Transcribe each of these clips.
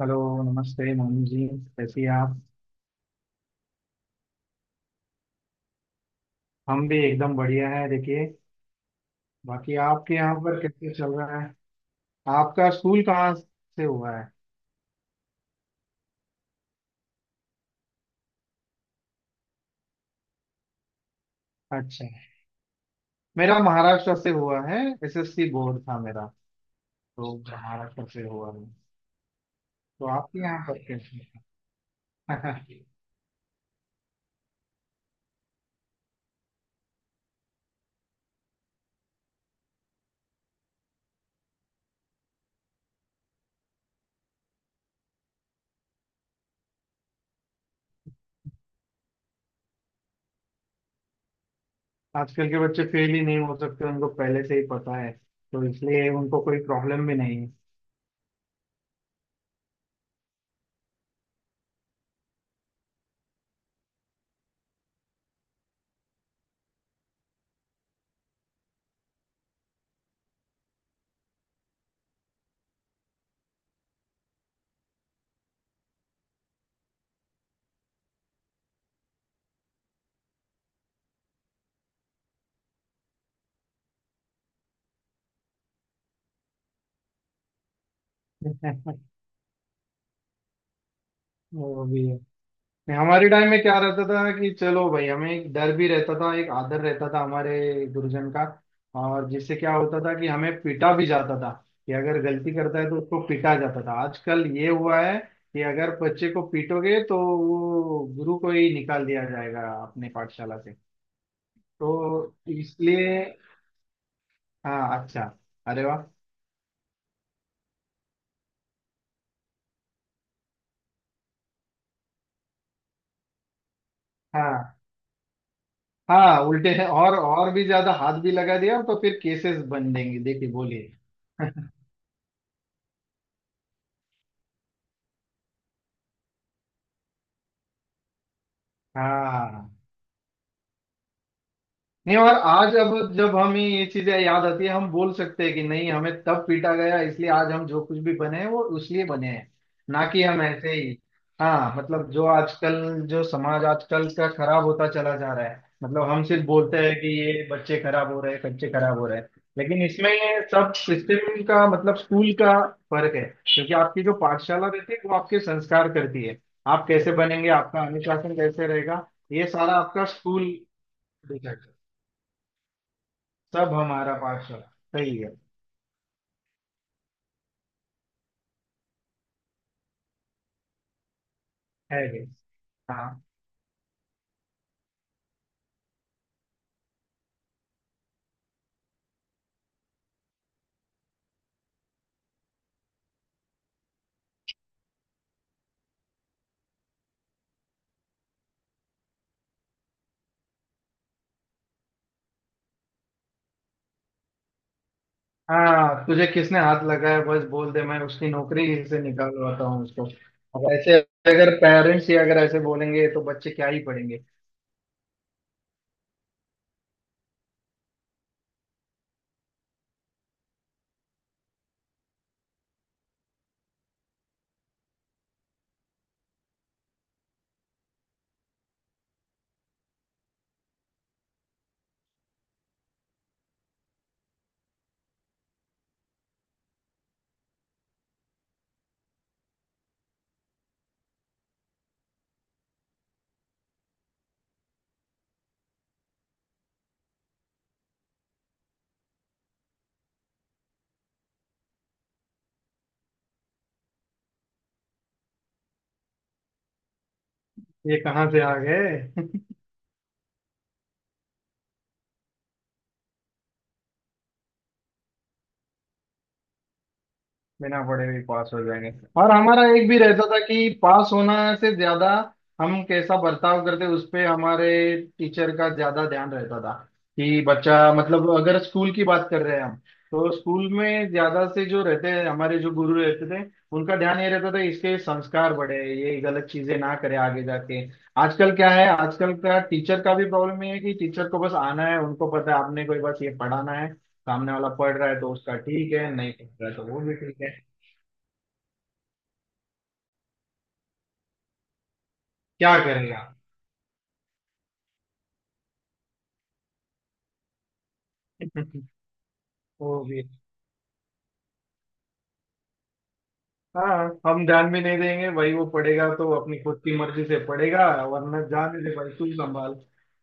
Hello. नमस्ते मोहन जी, कैसी हैं आप। हम भी एकदम बढ़िया हैं। देखिए, बाकी आपके यहाँ पर कैसे चल रहा है। आपका स्कूल कहाँ से हुआ है। अच्छा, मेरा महाराष्ट्र से हुआ है। एसएससी बोर्ड था मेरा। तो महाराष्ट्र से हुआ है। तो आपके यहाँ पर कैसे। आजकल के बच्चे फेल ही नहीं हो सकते, उनको पहले से ही पता है। तो इसलिए उनको कोई प्रॉब्लम भी नहीं है। वो भी नहीं। हमारे टाइम में क्या रहता था कि चलो भाई, हमें एक डर भी रहता था, एक आदर रहता था हमारे गुरुजन का। और जिससे क्या होता था कि हमें पीटा भी जाता था। कि अगर गलती करता है तो उसको पीटा जाता था। आजकल ये हुआ है कि अगर बच्चे को पीटोगे तो वो गुरु को ही निकाल दिया जाएगा अपने पाठशाला से। तो इसलिए हाँ, अच्छा। अरे वाह। हाँ हाँ, उल्टे हैं। और भी ज्यादा हाथ भी लगा दिया तो फिर केसेस बन देंगे। देखिए, बोलिए। हाँ। नहीं, और आज अब जब हमें ये चीजें याद आती है, हम बोल सकते हैं कि नहीं, हमें तब पीटा गया इसलिए आज हम जो कुछ भी बने हैं वो उसलिए बने हैं। ना कि हम ऐसे ही। हाँ मतलब, जो आजकल, जो समाज आजकल का खराब होता चला जा रहा है, मतलब हम सिर्फ बोलते हैं कि ये बच्चे खराब हो रहे हैं, बच्चे खराब हो रहे हैं। लेकिन इसमें सब सिस्टम का मतलब स्कूल का फर्क है। क्योंकि आपकी जो पाठशाला रहती है वो आपके संस्कार करती है। आप कैसे बनेंगे, आपका अनुशासन कैसे रहेगा, ये सारा आपका स्कूल देखेगा। सब हमारा पार्षद। सही है ये। हाँ। हाँ तुझे किसने हाथ लगाया, बस बोल दे, मैं उसकी नौकरी से निकालवाता हूँ उसको। अब ऐसे अगर पेरेंट्स ही अगर ऐसे बोलेंगे तो बच्चे क्या ही पढ़ेंगे। ये कहाँ से आ गए। बिना पढ़े भी पास हो जाएंगे। और हमारा एक भी रहता था कि पास होना से ज्यादा हम कैसा बर्ताव करते, उस पे हमारे टीचर का ज्यादा ध्यान रहता था। कि बच्चा मतलब अगर स्कूल की बात कर रहे हैं हम, तो स्कूल में ज्यादा से जो रहते हैं, हमारे जो गुरु रहते थे, उनका ध्यान ये रहता था इसके संस्कार बढ़े, ये गलत चीजें ना करे आगे जाके। आजकल क्या है, आजकल का टीचर का भी प्रॉब्लम ये है कि टीचर को बस आना है, उनको पता है आपने कोई बस ये पढ़ाना है, सामने वाला पढ़ रहा है तो उसका ठीक है, नहीं पढ़ रहा है तो वो भी ठीक है। क्या करेगा। वो भी। हाँ हम ध्यान भी नहीं देंगे भाई, वो पढ़ेगा तो अपनी खुद की मर्जी से पढ़ेगा। वरना जाने दे भाई, तू संभाल।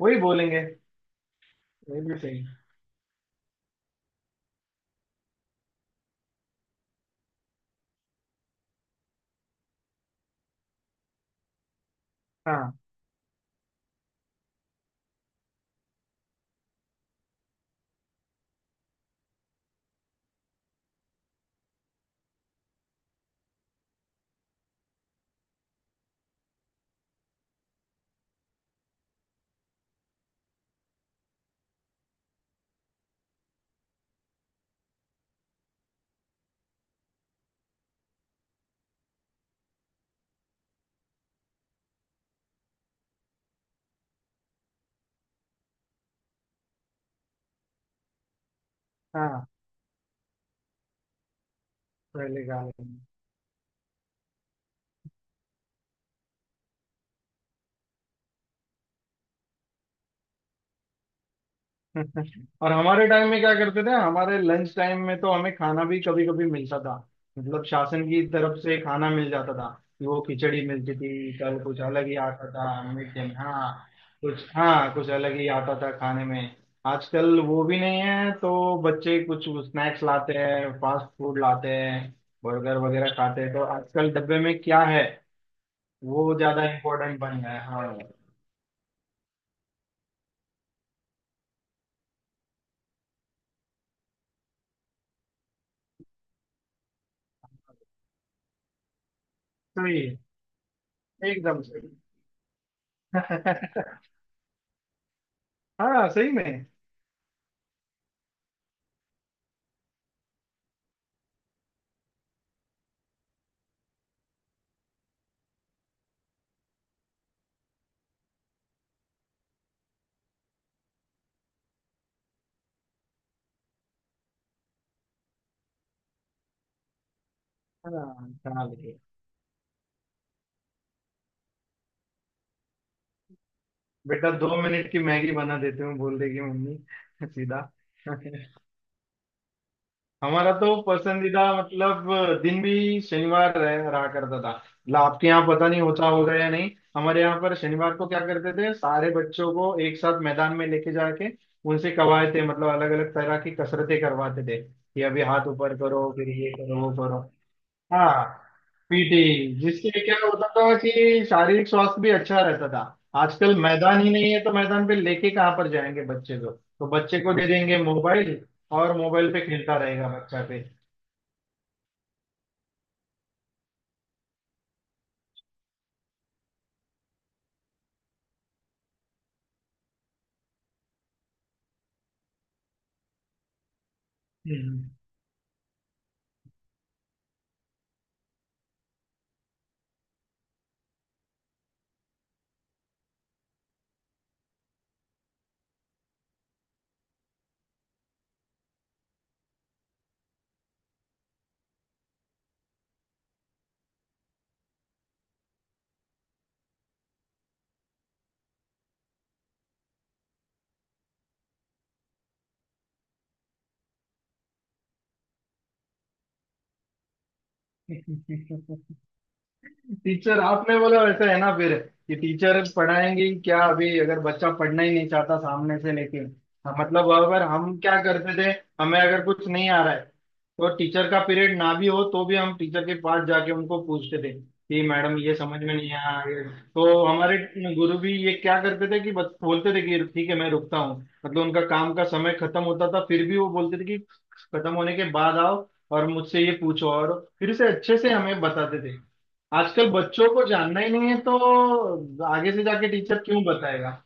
वही बोलेंगे। वही भी सही। हाँ हाँ। पहले का। और हमारे टाइम में क्या करते थे, हमारे लंच टाइम में तो हमें खाना भी कभी कभी मिलता था। मतलब शासन की तरफ से खाना मिल जाता था। वो खिचड़ी मिलती थी, कल कुछ अलग ही आता था मीठे में। हाँ कुछ, हाँ कुछ अलग ही आता था खाने में। आजकल वो भी नहीं है तो बच्चे कुछ स्नैक्स लाते हैं, फास्ट फूड लाते हैं, बर्गर वगैरह खाते हैं। तो आजकल डब्बे में क्या है, वो ज्यादा इम्पोर्टेंट बन गया है। हाँ सही है, एकदम सही। हाँ सही में। हाँ कहाँ भी। बेटा दो मिनट की मैगी बना देते हूँ बोल देगी मम्मी। सीधा। हमारा तो पसंदीदा मतलब दिन भी शनिवार रह रहा करता था। मतलब आपके यहाँ पता नहीं होता होगा या नहीं। हमारे यहाँ पर शनिवार को क्या करते थे, सारे बच्चों को एक साथ मैदान में लेके जाके उनसे कवायते मतलब अलग अलग तरह की कसरतें करवाते थे। कि अभी हाथ ऊपर करो, फिर ये करो वो करो। हाँ पीटी। जिससे क्या होता था कि शारीरिक स्वास्थ्य भी अच्छा रहता था। आजकल मैदान ही नहीं है तो मैदान पे लेके कहाँ पर जाएंगे बच्चे को। तो बच्चे को दे देंगे मोबाइल, और मोबाइल पे खेलता रहेगा बच्चा पे। हम्म। टीचर आपने बोला वैसे है ना फिर। कि टीचर पढ़ाएंगे ही क्या, अभी अगर बच्चा पढ़ना ही नहीं चाहता सामने से। लेकिन हाँ, मतलब अगर हम क्या करते थे, हमें अगर कुछ नहीं आ रहा है तो टीचर का पीरियड ना भी हो तो भी हम टीचर के पास जाके उनको पूछते थे कि मैडम ये समझ में नहीं आया, ये- तो हमारे गुरु भी ये क्या करते थे कि बस बोलते थे कि ठीक है, मैं रुकता हूँ। मतलब उनका काम का समय खत्म होता था, फिर भी वो बोलते थे कि खत्म होने के बाद आओ और मुझसे ये पूछो, और फिर से अच्छे से हमें बताते थे। आजकल बच्चों को जानना ही नहीं है तो आगे से जाके टीचर क्यों बताएगा।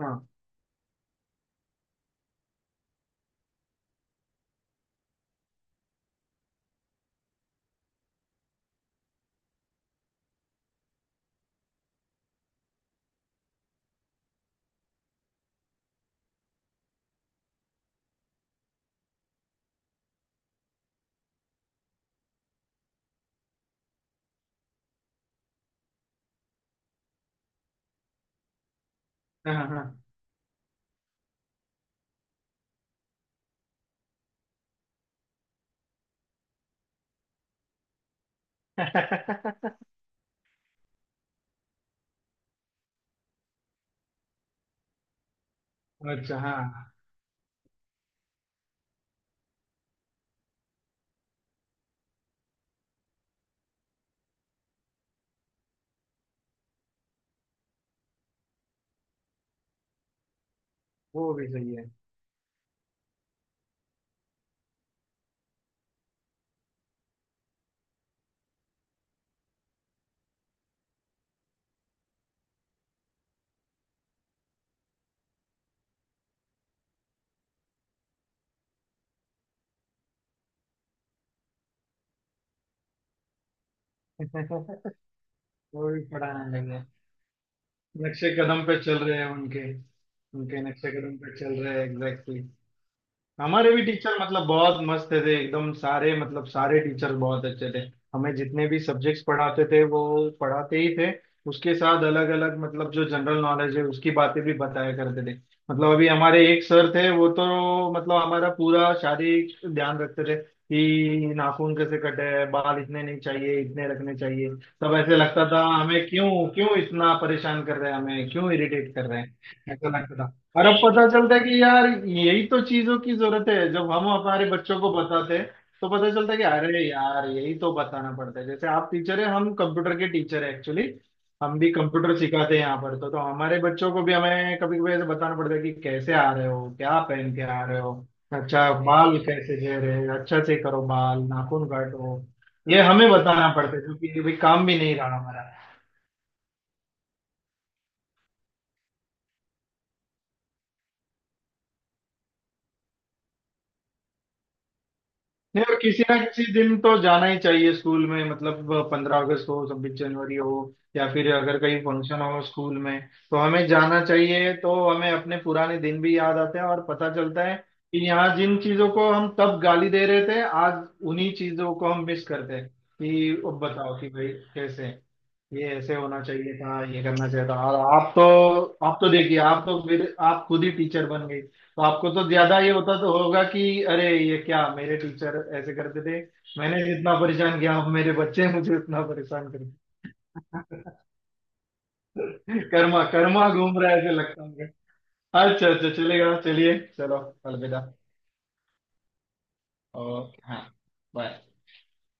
हाँ हाँ हाँ। अच्छा हाँ। वो भी सही है। वो भी पढ़ाने लगे। नक्शे कदम पे चल रहे हैं उनके। उनके नक्शे कदम पे चल रहे हैं, एग्जैक्टली। हमारे भी टीचर मतलब बहुत मस्त थे एकदम, सारे मतलब सारे टीचर बहुत अच्छे थे। हमें जितने भी सब्जेक्ट्स पढ़ाते थे वो पढ़ाते ही थे। उसके साथ अलग अलग मतलब जो जनरल नॉलेज है उसकी बातें भी बताया करते थे। मतलब अभी हमारे एक सर थे वो तो मतलब हमारा पूरा शारीरिक ध्यान रखते थे। कि नाखून कैसे कटे हैं, बाल इतने नहीं चाहिए, इतने रखने चाहिए। तब ऐसे लगता था हमें क्यों, क्यों इतना परेशान कर रहे हैं, हमें क्यों इरिटेट कर रहे हैं, ऐसा लगता था। और अब पता चलता है कि यार यही तो चीजों की जरूरत है। जब हम हमारे बच्चों को बताते हैं तो पता चलता है कि अरे यार, यही तो बताना पड़ता है। जैसे आप टीचर है, हम कंप्यूटर के टीचर है एक्चुअली। हम भी कंप्यूटर सिखाते हैं यहाँ पर। तो हमारे बच्चों को भी हमें कभी कभी ऐसे बताना पड़ता है कि कैसे आ रहे हो, क्या पहन के आ रहे हो, अच्छा बाल कैसे घेर रहे हो, अच्छा से करो, बाल नाखून काटो। ये हमें बताना पड़ता है क्योंकि ये भी काम भी नहीं रहा हमारा। नहीं और किसी ना किसी दिन तो जाना ही चाहिए स्कूल में, मतलब 15 अगस्त हो, 26 जनवरी हो, या फिर अगर कहीं फंक्शन हो स्कूल में तो हमें जाना चाहिए। तो हमें अपने पुराने दिन भी याद आते हैं और पता चलता है कि यहाँ जिन चीजों को हम तब गाली दे रहे थे आज उन्हीं चीजों को हम मिस करते हैं। कि अब बताओ कि भाई कैसे, ये ऐसे होना चाहिए था, ये करना चाहिए था। और आप तो, आप तो देखिए, आप तो मेरे, आप खुद ही टीचर बन गई तो आपको तो ज्यादा ये होता तो होगा कि अरे ये क्या, मेरे टीचर ऐसे करते थे। मैंने जितना परेशान किया अब मेरे बच्चे मुझे उतना परेशान करते। कर्मा कर्मा घूम रहा है ऐसे लगता है मुझे। अच्छा अच्छा, चलेगा, चलिए, चलो। अलविदा। ओके हाँ। बाय।